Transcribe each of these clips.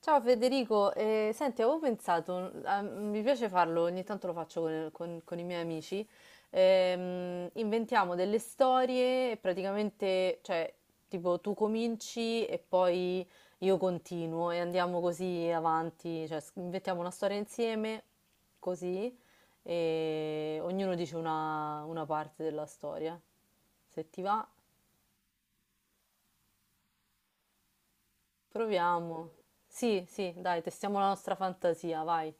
Ciao Federico, senti, avevo pensato, mi piace farlo, ogni tanto lo faccio con i miei amici, inventiamo delle storie e praticamente, cioè, tipo tu cominci e poi io continuo e andiamo così avanti, cioè inventiamo una storia insieme, così, e ognuno dice una parte della storia. Se ti va, proviamo. Sì, sì, dai, testiamo la nostra fantasia, vai.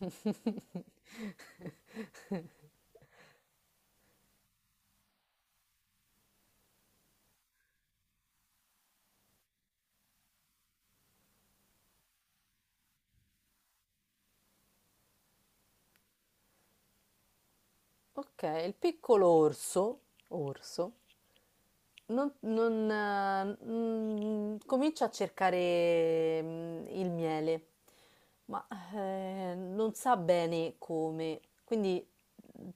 Ok, il piccolo orso, orso Non, non, mm, comincia a cercare il miele, ma non sa bene come, quindi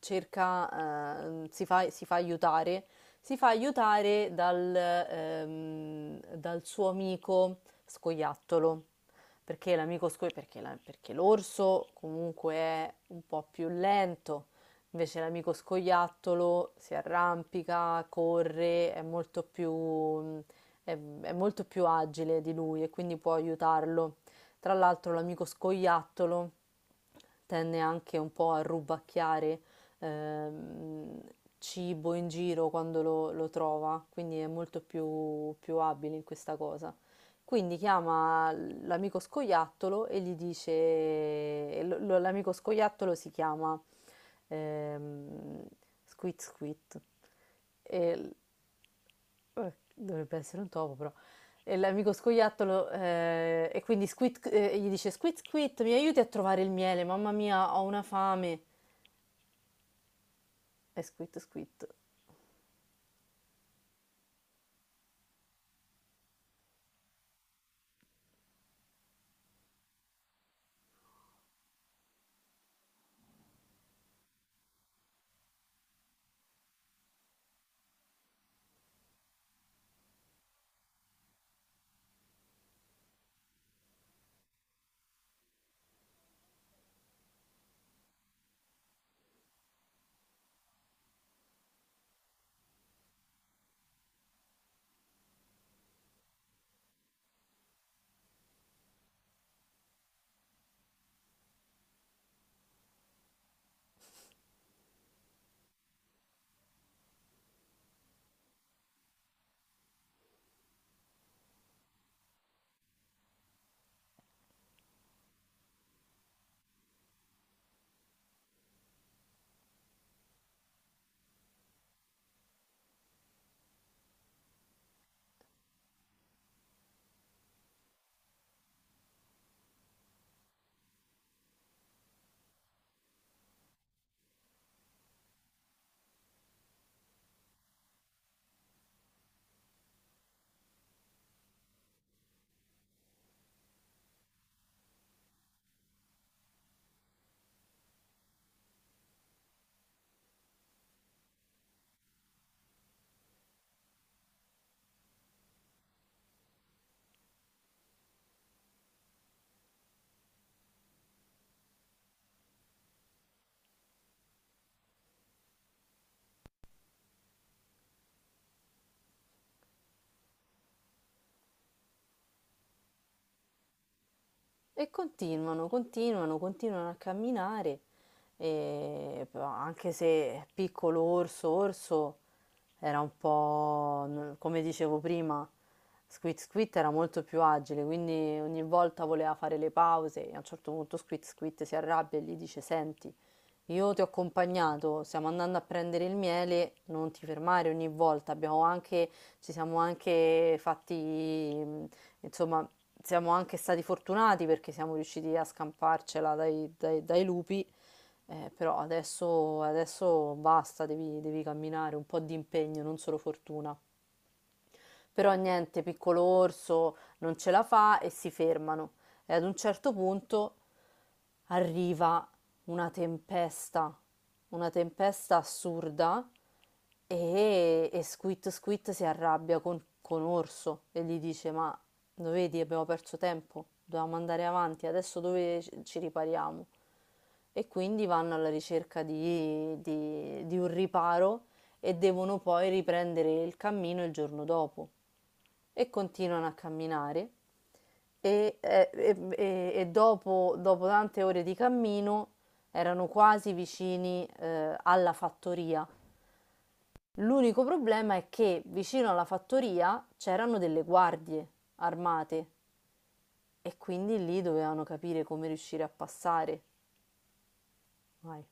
cerca, eh, si fa, si fa aiutare, si fa aiutare dal suo amico scoiattolo, perché l'amico scoiattolo, perché, perché l'orso comunque è un po' più lento. Invece l'amico scoiattolo si arrampica, corre, è molto è, è molto più agile di lui e quindi può aiutarlo. Tra l'altro l'amico scoiattolo tende anche un po' a rubacchiare ehm, cibo in giro quando lo trova, quindi è molto più, più abile in questa cosa. Quindi chiama l'amico scoiattolo e gli dice, e l'amico scoiattolo si chiama ehm, Squid Squid. E l- Dovrebbe essere un topo, però. E l'amico scoiattolo, e quindi Squid, gli dice: Squid Squid, mi aiuti a trovare il miele, mamma mia, ho una fame. E Squid Squid e continuano, continuano, continuano a camminare, e però anche se piccolo orso, orso era un po', come dicevo prima, Squid Squid era molto più agile, quindi ogni volta voleva fare le pause e a un certo punto Squid Squid si arrabbia e gli dice, senti, io ti ho accompagnato, stiamo andando a prendere il miele, non ti fermare ogni volta, abbiamo anche, ci siamo anche insomma, siamo anche stati fortunati perché siamo riusciti a scamparcela dai lupi, però adesso basta, devi camminare, un po' di impegno, non solo fortuna. Però niente, piccolo orso non ce la fa e si fermano. E ad un certo punto arriva una tempesta, una tempesta assurda e Squid Squid si arrabbia con Orso e gli dice: Ma lo vedi, abbiamo perso tempo, dovevamo andare avanti, adesso dove ci ripariamo? E quindi vanno alla ricerca di un riparo e devono poi riprendere il cammino il giorno dopo e continuano a camminare e dopo, dopo tante ore di cammino erano quasi vicini alla fattoria. L'unico problema è che vicino alla fattoria c'erano delle guardie armate e quindi lì dovevano capire come riuscire a passare. Vai.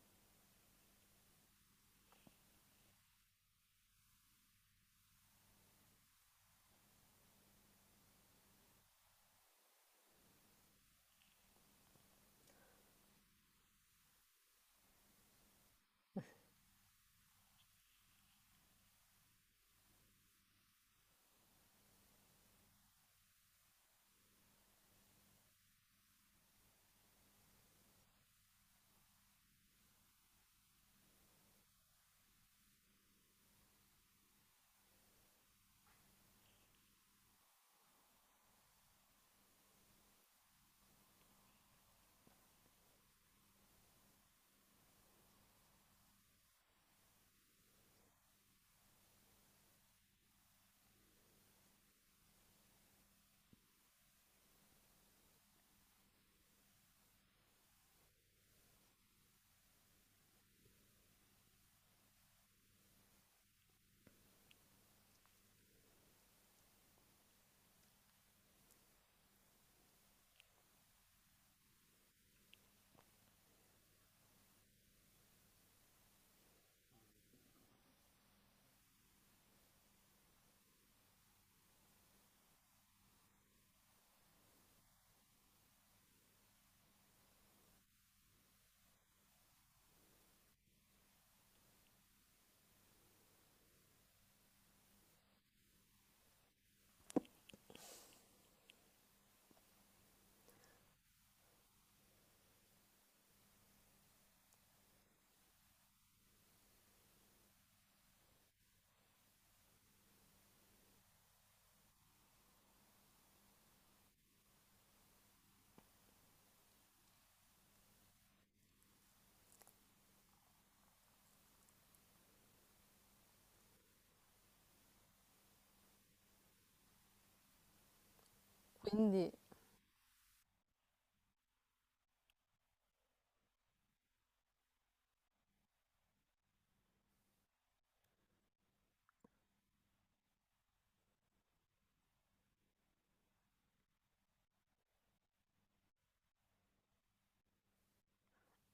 Quindi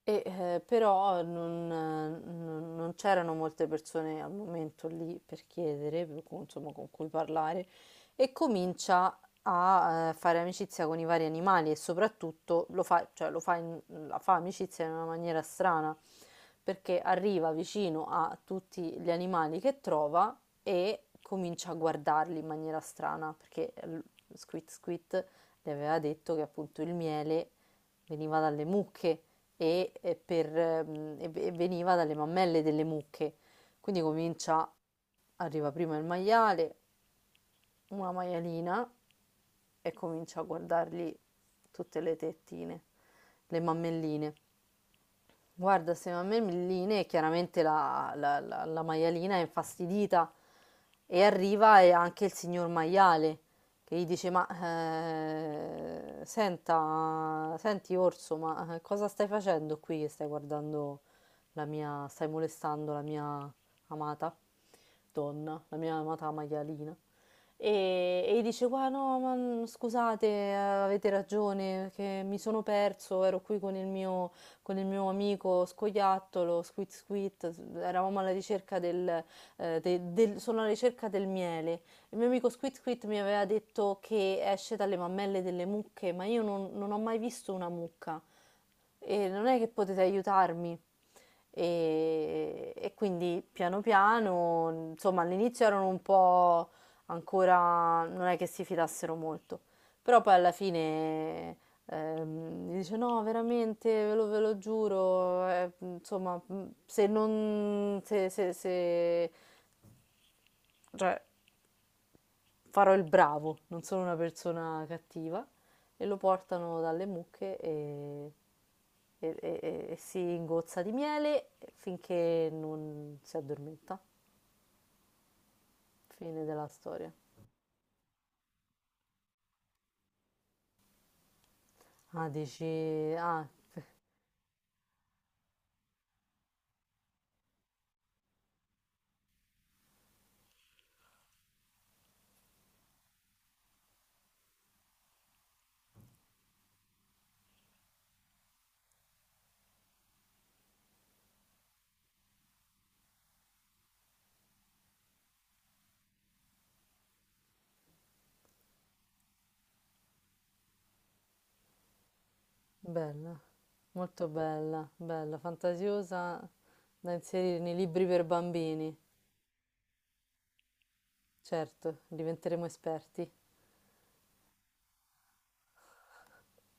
Però non c'erano molte persone al momento lì per chiedere, per cui, insomma, con cui parlare, e comincia a fare amicizia con i vari animali e soprattutto lo fa, cioè, lo fa la fa amicizia in una maniera strana, perché arriva vicino a tutti gli animali che trova e comincia a guardarli in maniera strana, perché Squit Squit le aveva detto che appunto il miele veniva dalle mucche e veniva dalle mammelle delle mucche. Quindi comincia, arriva prima il maiale, una maialina e comincia a guardargli tutte le tettine, le mammelline. Guarda, secondo me Milline, chiaramente la maialina è infastidita e arriva e anche il signor maiale che gli dice: Ma senti Orso, ma cosa stai facendo qui che stai guardando la mia, stai molestando la mia amata donna, la mia amata maialina? E gli dice: Qua no, ma scusate, avete ragione, che mi sono perso, ero qui con il mio amico scoiattolo, Squit Squit, eravamo alla ricerca sono alla ricerca del miele. Il mio amico Squit Squit mi aveva detto che esce dalle mammelle delle mucche, ma io non ho mai visto una mucca e non è che potete aiutarmi. E quindi piano piano, insomma, all'inizio erano un po' ancora, non è che si fidassero molto, però poi alla fine mi dice no, veramente, ve lo giuro, insomma, se non, se, se- se- farò il bravo, non sono una persona cattiva, e lo portano dalle mucche e si ingozza di miele finché non si addormenta. Fine della storia. Ah, dici... Ah, bella, molto bella, bella, fantasiosa da inserire nei libri per bambini. Certo, diventeremo esperti.